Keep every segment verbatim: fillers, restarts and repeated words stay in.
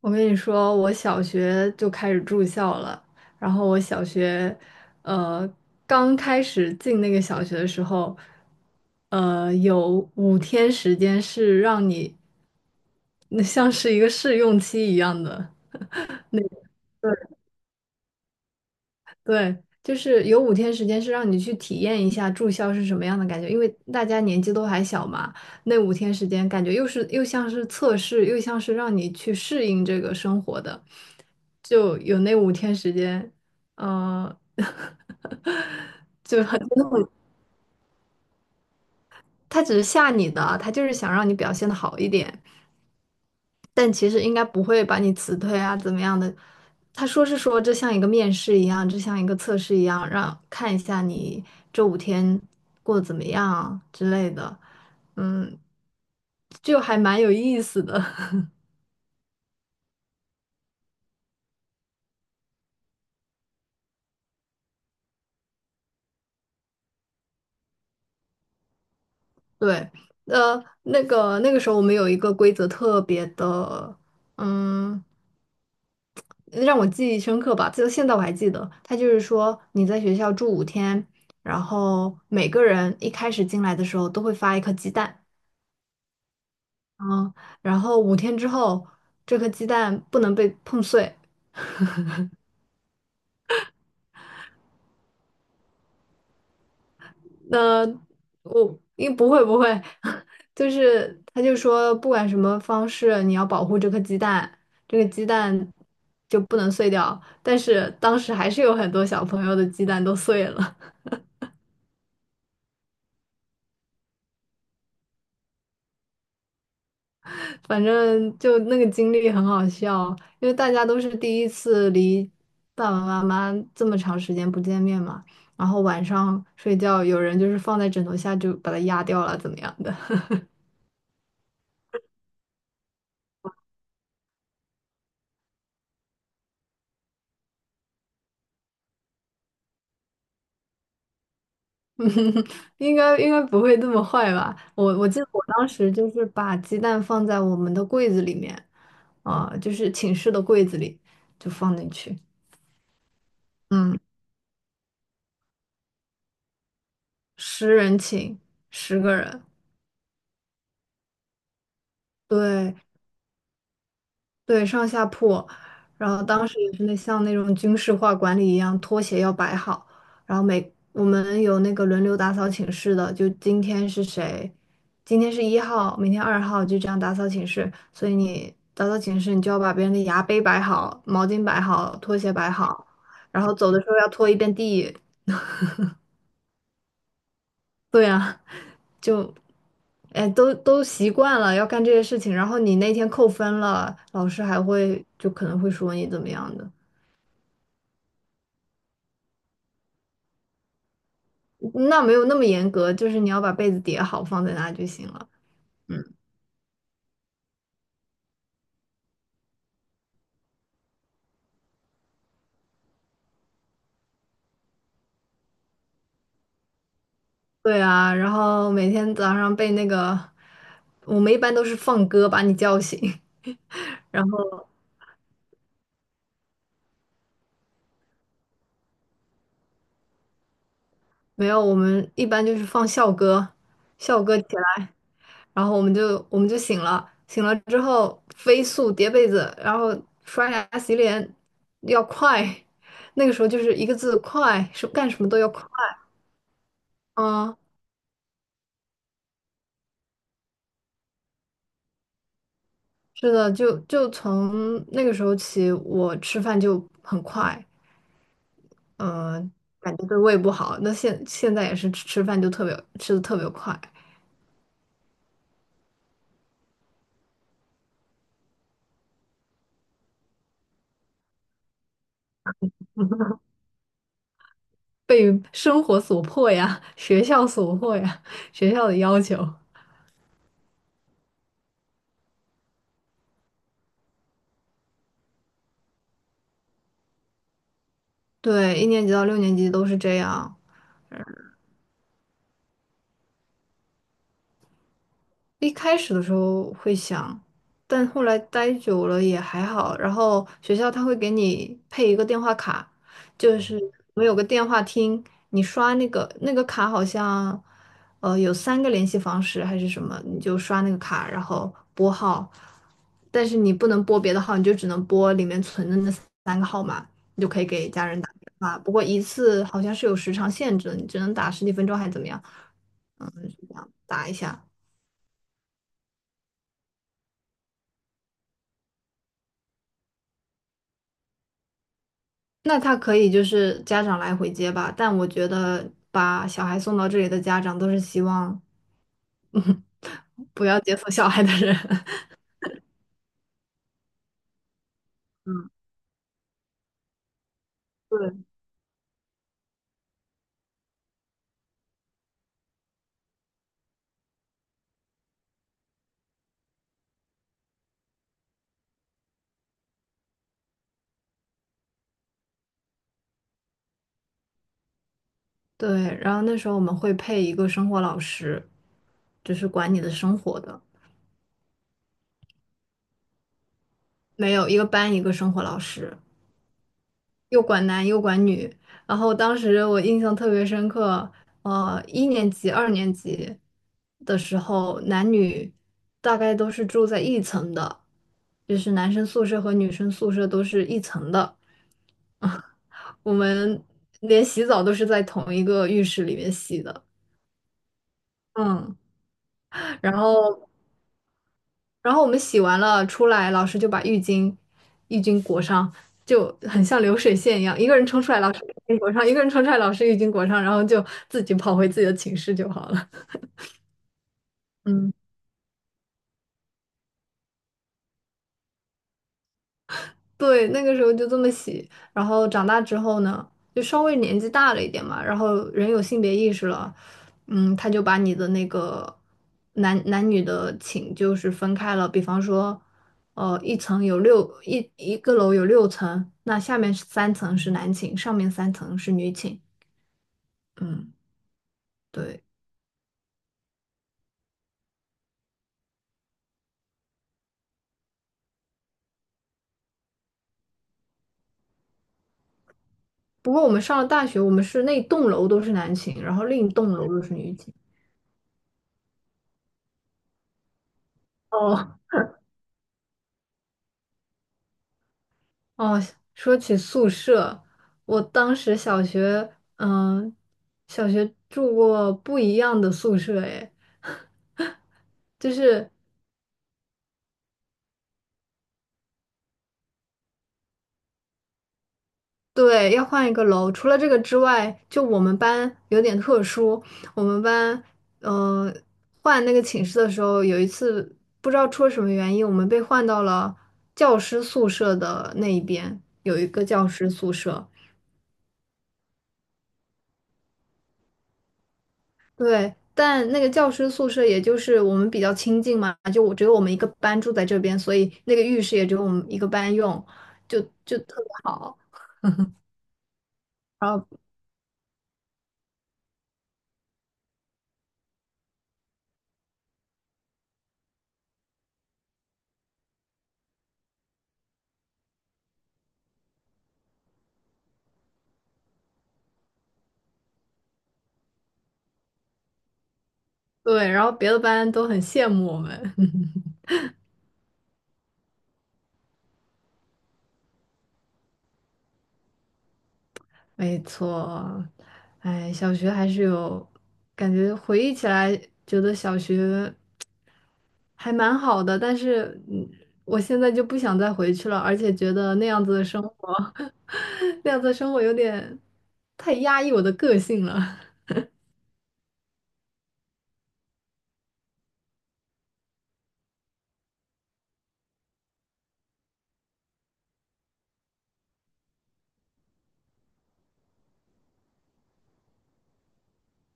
我跟你说，我小学就开始住校了。然后我小学，呃，刚开始进那个小学的时候，呃，有五天时间是让你，那像是一个试用期一样的。对，就是有五天时间是让你去体验一下住校是什么样的感觉，因为大家年纪都还小嘛，那五天时间感觉又是又像是测试，又像是让你去适应这个生活的，就有那五天时间，呃，就很真的很，他只是吓你的，他就是想让你表现的好一点。但其实应该不会把你辞退啊，怎么样的？他说是说这像一个面试一样，这像一个测试一样，让看一下你这五天过得怎么样啊之类的，嗯，就还蛮有意思的。对，呃，那个那个时候我们有一个规则特别的，嗯，让我记忆深刻吧，就现在我还记得，他就是说你在学校住五天，然后每个人一开始进来的时候都会发一颗鸡蛋。嗯，然后五天之后，这颗鸡蛋不能被碰碎。那我应不会不会，就是他就说，不管什么方式，你要保护这颗鸡蛋，这个鸡蛋就不能碎掉。但是当时还是有很多小朋友的鸡蛋都碎了。反正就那个经历很好笑，因为大家都是第一次离爸爸妈妈这么长时间不见面嘛，然后晚上睡觉，有人就是放在枕头下就把它压掉了，怎么样的？应该应该不会这么坏吧？我我记得我当时就是把鸡蛋放在我们的柜子里面，啊、就是寝室的柜子里就放进去，嗯，十人寝，十个人。对，对，上下铺，然后当时也是那像那种军事化管理一样，拖鞋要摆好，然后每我们有那个轮流打扫寝室的，就今天是谁，今天是一号，明天二号，就这样打扫寝室。所以你打扫寝室，你就要把别人的牙杯摆好，毛巾摆好，拖鞋摆好，然后走的时候要拖一遍地。对啊，就，哎，都都习惯了要干这些事情，然后你那天扣分了，老师还会就可能会说你怎么样的。那没有那么严格，就是你要把被子叠好放在那就行了。对啊，然后每天早上被那个，我们一般都是放歌把你叫醒，然后没有，我们一般就是放校歌，校歌起来，然后我们就我们就醒了，醒了之后飞速叠被子，然后刷牙洗脸要快，那个时候就是一个字快，是干什么都要快，嗯是的，就就从那个时候起，我吃饭就很快，嗯、感觉对胃不好。那现现在也是吃吃饭就特别吃的特别快，被生活所迫呀，学校所迫呀，学校的要求。对，一年级到六年级都是这样。一开始的时候会想，但后来待久了也还好。然后学校他会给你配一个电话卡，就是我们有个电话厅，你刷那个那个卡好像，呃，有三个联系方式还是什么，你就刷那个卡，然后拨号，但是你不能拨别的号，你就只能拨里面存的那三个号码，你就可以给家人打电话。不过一次好像是有时长限制的，你只能打十几分钟还是怎么样？嗯，是这样打一下。那他可以就是家长来回接吧，但我觉得把小孩送到这里的家长都是希望不要接送小孩的人。对对然后那时候我们会配一个生活老师，就是管你的生活的，没有一个班一个生活老师，又管男又管女。然后当时我印象特别深刻，呃，一年级、二年级的时候，男女大概都是住在一层的，就是男生宿舍和女生宿舍都是一层的。我们连洗澡都是在同一个浴室里面洗的。嗯，然后然后我们洗完了出来，老师就把浴巾浴巾裹上，就很像流水线一样，一个人冲出来，老师浴巾裹上，一个人冲出来，老师浴巾裹上，然后就自己跑回自己的寝室就好了。嗯。对，那个时候就这么洗，然后长大之后呢，就稍微年纪大了一点嘛，然后人有性别意识了，嗯，他就把你的那个男男女的寝就是分开了，比方说，呃，一层有六一一个楼有六层，那下面是三层是男寝，上面三层是女寝，嗯，对。不过我们上了大学，我们是那栋楼都是男寝，然后另一栋楼都是女寝。哦，哦，说起宿舍，我当时小学，嗯，小学住过不一样的宿舍，诶，就是对，要换一个楼。除了这个之外，就我们班有点特殊，我们班，呃，换那个寝室的时候，有一次不知道出了什么原因，我们被换到了教师宿舍的那一边，有一个教师宿舍。对，但那个教师宿舍也就是我们比较亲近嘛，就我只有我们一个班住在这边，所以那个浴室也只有我们一个班用，就就特别好。然后对，然后别的班都很羡慕我们。没错，哎，小学还是有感觉，回忆起来觉得小学还蛮好的，但是嗯，我现在就不想再回去了，而且觉得那样子的生活，那样子的生活有点太压抑我的个性了。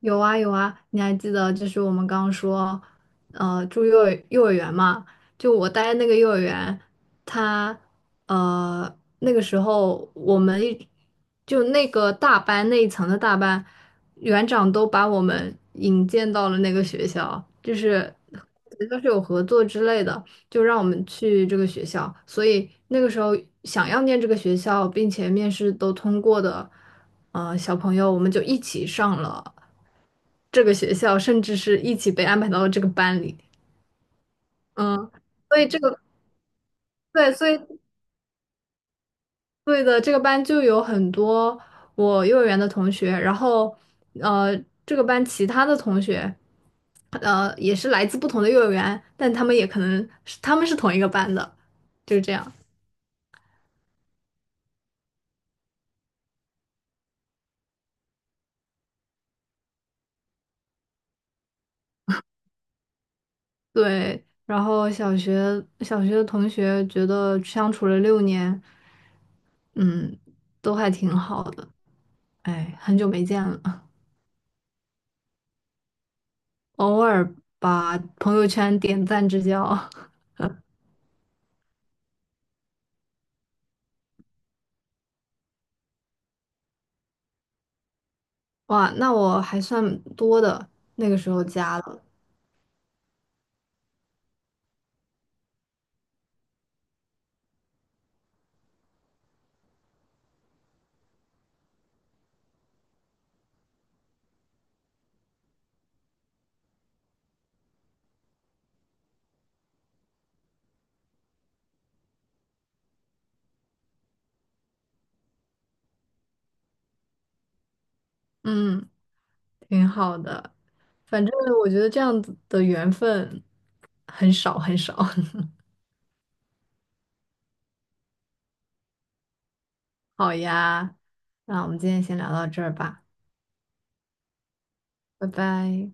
有啊有啊，你还记得就是我们刚刚说，呃，住幼儿幼儿园嘛？就我待的那个幼儿园，他呃那个时候我们一就那个大班那一层的大班，园长都把我们引荐到了那个学校，就是都是有合作之类的，就让我们去这个学校。所以那个时候想要念这个学校，并且面试都通过的，呃，小朋友我们就一起上了。这个学校，甚至是一起被安排到了这个班里。嗯，所以这个对，所以对的，这个班就有很多我幼儿园的同学，然后呃，这个班其他的同学，呃，也是来自不同的幼儿园，但他们也可能是他们是同一个班的，就是这样。对，然后小学小学的同学觉得相处了六年，嗯，都还挺好的。哎，很久没见了。偶尔把朋友圈点赞之交，哇，那我还算多的，那个时候加了，嗯，挺好的。反正我觉得这样子的缘分很少很少。好呀，那我们今天先聊到这儿吧，拜拜。